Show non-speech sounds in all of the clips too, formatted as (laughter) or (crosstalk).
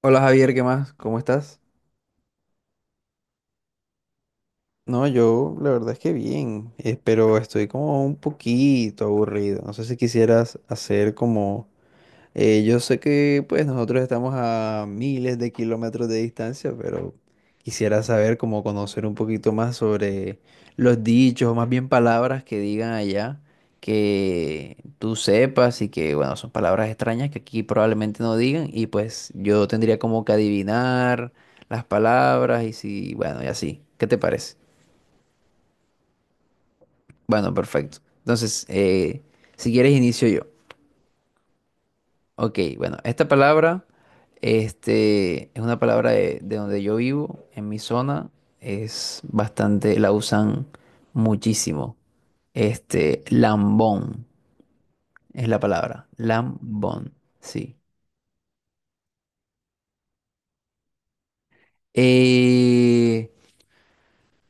Hola Javier, ¿qué más? ¿Cómo estás? No, yo la verdad es que bien, pero estoy como un poquito aburrido. No sé si quisieras hacer como. Yo sé que pues nosotros estamos a miles de kilómetros de distancia, pero quisiera saber cómo conocer un poquito más sobre los dichos, o más bien palabras que digan allá, que tú sepas y que bueno, son palabras extrañas que aquí probablemente no digan y pues yo tendría como que adivinar las palabras y si, bueno, y así. ¿Qué te parece? Bueno, perfecto. Entonces, si quieres inicio yo. Ok, bueno, esta palabra este, es una palabra de donde yo vivo, en mi zona, es bastante, la usan muchísimo. Este, lambón es la palabra, lambón, sí. Eh,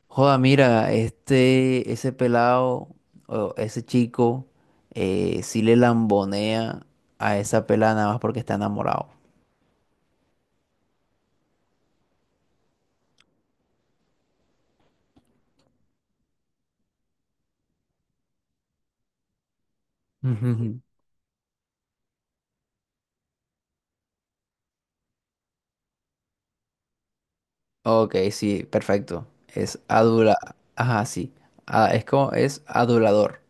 Joda, mira, este, ese pelado o ese chico sí le lambonea a esa pelada nada más porque está enamorado. (laughs) Ok, sí, perfecto. Es adula... Ajá, sí. Ah, es como, es adulador,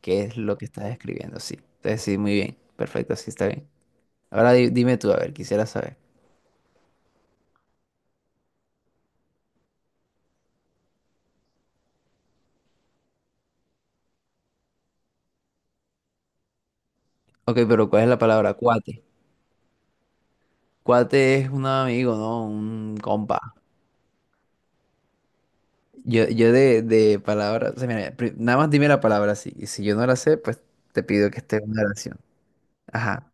que es lo que estás escribiendo, sí. Entonces, sí, muy bien. Perfecto, sí, está bien. Ahora dime tú, a ver, quisiera saber. Ok, pero ¿cuál es la palabra? Cuate. Cuate es un amigo, ¿no? Un compa. Yo de palabras, o sea, mira, nada más dime la palabra, sí. Y si yo no la sé, pues te pido que esté en una oración. Ajá,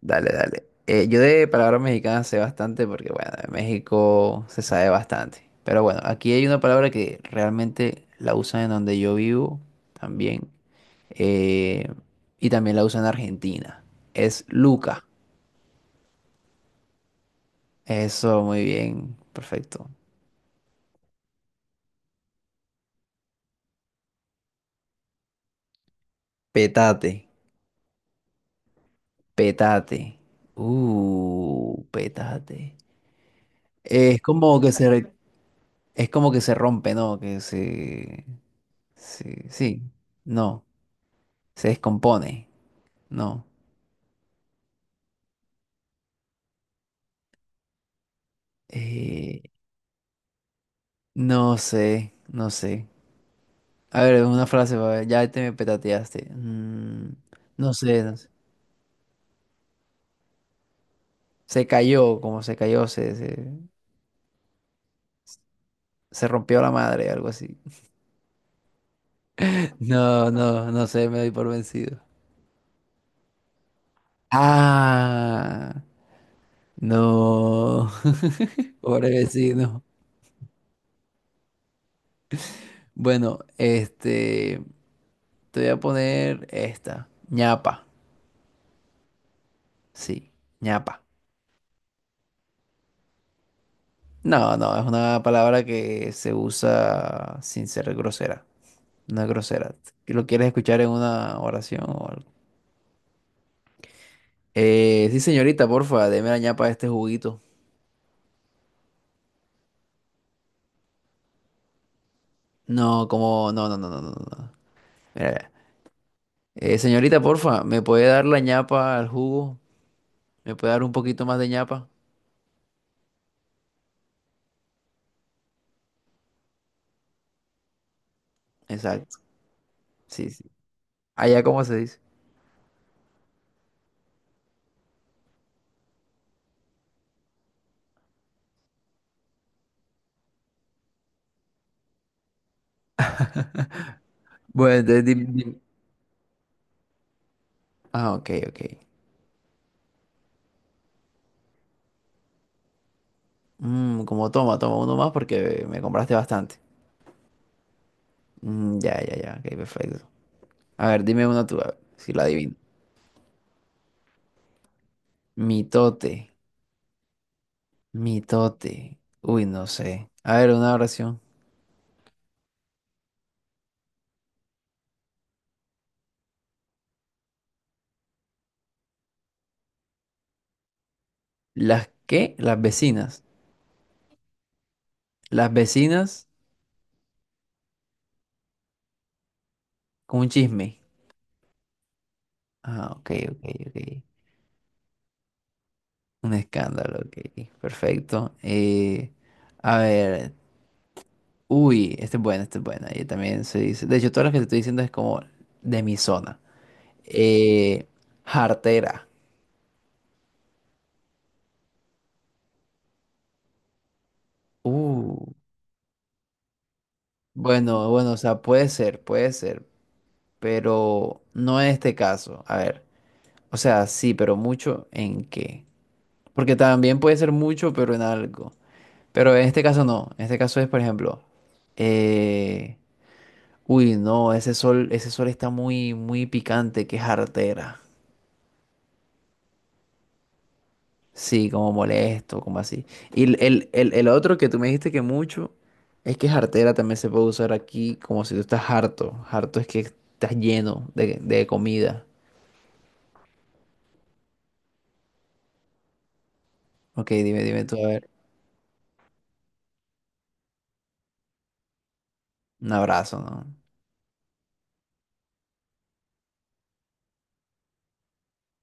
dale, dale. Yo de palabras mexicanas sé bastante porque, bueno, en México se sabe bastante. Pero bueno, aquí hay una palabra que realmente la usan en donde yo vivo también. eh, y también la usan en Argentina. Es Luca. Eso, muy bien, perfecto. Petate. Petate. Petate. Es como que se, re- es como que se rompe, ¿no? Que se, sí, sí, no. Se descompone. No. Eh, no sé, no sé. A ver, una frase, pa' ver, ya te me petateaste. No sé, no sé. Se cayó, como se cayó, se rompió la madre, algo así. (laughs) No, no, no sé, me doy por vencido. Ah, no. (laughs) Pobre vecino. Bueno, este, te voy a poner esta. Ñapa. Sí, ñapa. No, no, es una palabra que se usa sin ser grosera. No es grosera. Si, ¿lo quieres escuchar en una oración o algo? Sí, señorita, porfa, deme la ñapa de este juguito. No, como, no, no, no, no, no, no. Mira, mira. Señorita, porfa, ¿me puede dar la ñapa al jugo? ¿Me puede dar un poquito más de ñapa? Exacto, sí, sí. Allá, ¿cómo se dice? Bueno, entonces dime, dime. Ah, ok, ok. Como toma, toma uno más porque me compraste bastante. Mm, ya, ya, ya, ok, perfecto. A ver, dime una tú, a ver, si la adivino. Mitote, mitote. Uy, no sé. A ver, una oración. ¿Las qué? Las vecinas. Las vecinas con un chisme. Ah, ok, ok, ok. Un escándalo, ok. Perfecto. A ver. Uy, este es bueno, este es bueno. Yo también se dice. De hecho, todas las que te estoy diciendo es como de mi zona. Eh, Jartera. Uh, bueno, bueno, o sea, puede ser, puede ser. Pero no en este caso. A ver, o sea, sí, pero mucho en qué. Porque también puede ser mucho, pero en algo. Pero en este caso no. En este caso es, por ejemplo, eh, uy, no, ese sol está muy, muy picante, que es artera. Sí, como molesto, como así. Y el otro que tú me dijiste que mucho es que es jartera también se puede usar aquí como si tú estás harto. Harto es que estás lleno de comida. Ok, dime, dime tú, a ver. Un abrazo, ¿no?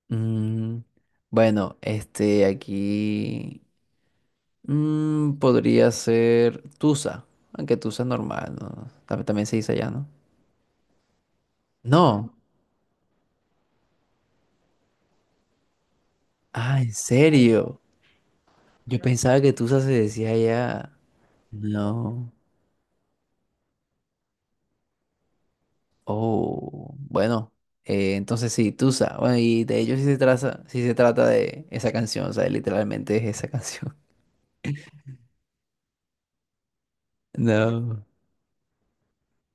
Mm, bueno, este aquí podría ser Tusa, aunque Tusa es normal, ¿no? También se dice allá, ¿no? No. Ah, ¿en serio? Yo pensaba que Tusa se decía allá. No. Oh, bueno. Entonces sí, Tusa. Bueno, y de ello sí se trata de esa canción, o sea, literalmente es esa canción. (laughs) No.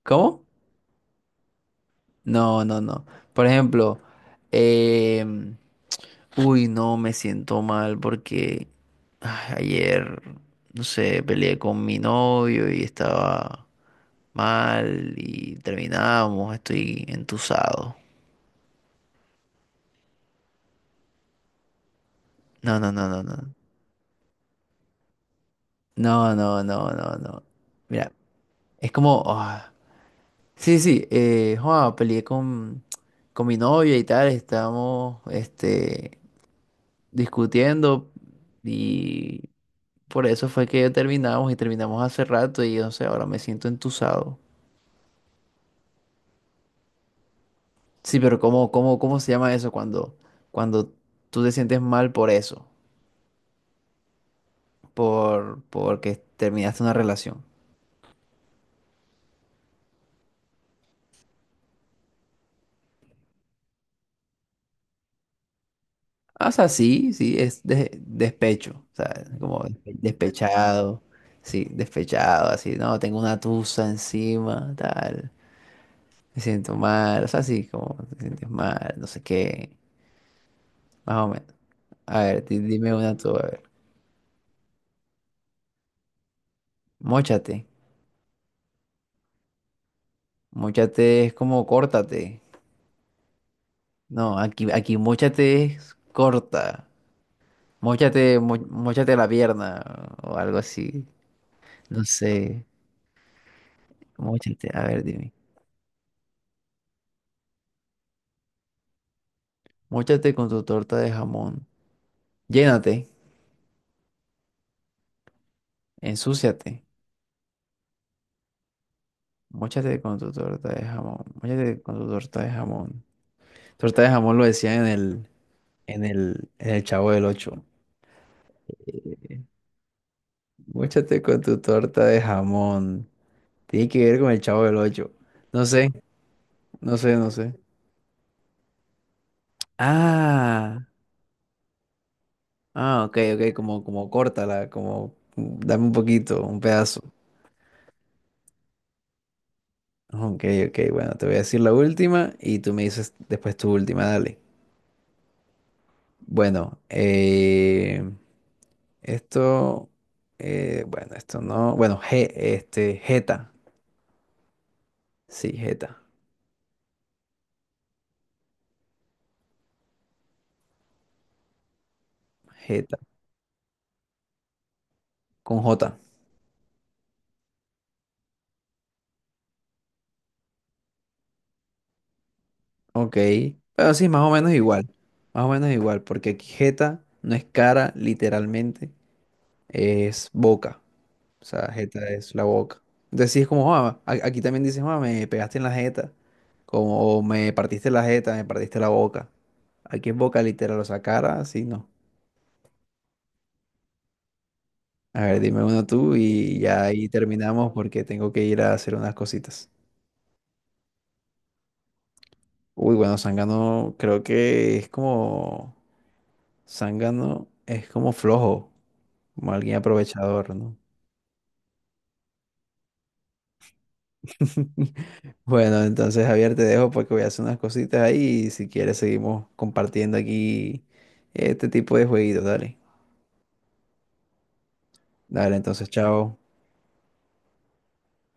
¿Cómo? No, no, no. Por ejemplo, em, uy, no, me siento mal porque ayer, no sé, peleé con mi novio y estaba mal y terminamos, estoy entusado. No, no, no, no, no. No, no, no, no, no. Mira, es como, sí, sí, joa, peleé con mi novia y tal, estábamos este, discutiendo y por eso fue que terminamos y terminamos hace rato y no sé, ahora me siento entusado. Sí, pero ¿¿cómo se llama eso cuando tú te sientes mal por eso? Porque terminaste una relación. Ah, o sea, sí, sí, es despecho. O sea, como despechado. Sí, despechado, así, no, tengo una tusa encima, tal. Me siento mal. O sea, sí, como te sientes mal, no sé qué. Más o menos. A ver, dime una tú, a ver. Móchate. Móchate es como córtate. No, aquí móchate es corta. Móchate, móchate la pierna o algo así. No sé. Móchate, a ver, dime. Móchate con tu torta de jamón. Llénate, ensúciate. Móchate con tu torta de jamón. Móchate con tu torta de jamón. Torta de jamón lo decían en el, Chavo del Ocho. Eh, Móchate con tu torta de jamón. Tiene que ver con el Chavo del Ocho. No sé, no sé, no sé. Ah. Ah, ok, ok, como córtala, como dame un poquito, un pedazo. Ok, ok, bueno, te voy a decir la última y tú me dices después tu última, dale. Bueno, esto, bueno, esto no, bueno, G, este, Jeta, sí, Jeta, Jeta, con J, ok. Pero sí, más o menos igual, más o menos igual, porque aquí Jeta no es cara, literalmente, es boca. O sea, jeta es la boca. Entonces sí es como, "Ah, aquí también dices, "Ah, me pegaste en la jeta". Como, o me partiste la jeta, me partiste la boca. Aquí es boca literal, o sea, cara, sí no. A ver, dime uno tú y ya ahí terminamos porque tengo que ir a hacer unas cositas. Uy, bueno, Zángano creo que es como, Zángano es como flojo, como alguien aprovechador, ¿no? (laughs) Bueno, entonces Javier, te dejo porque voy a hacer unas cositas ahí y si quieres seguimos compartiendo aquí este tipo de jueguitos, dale. Dale, entonces, chao.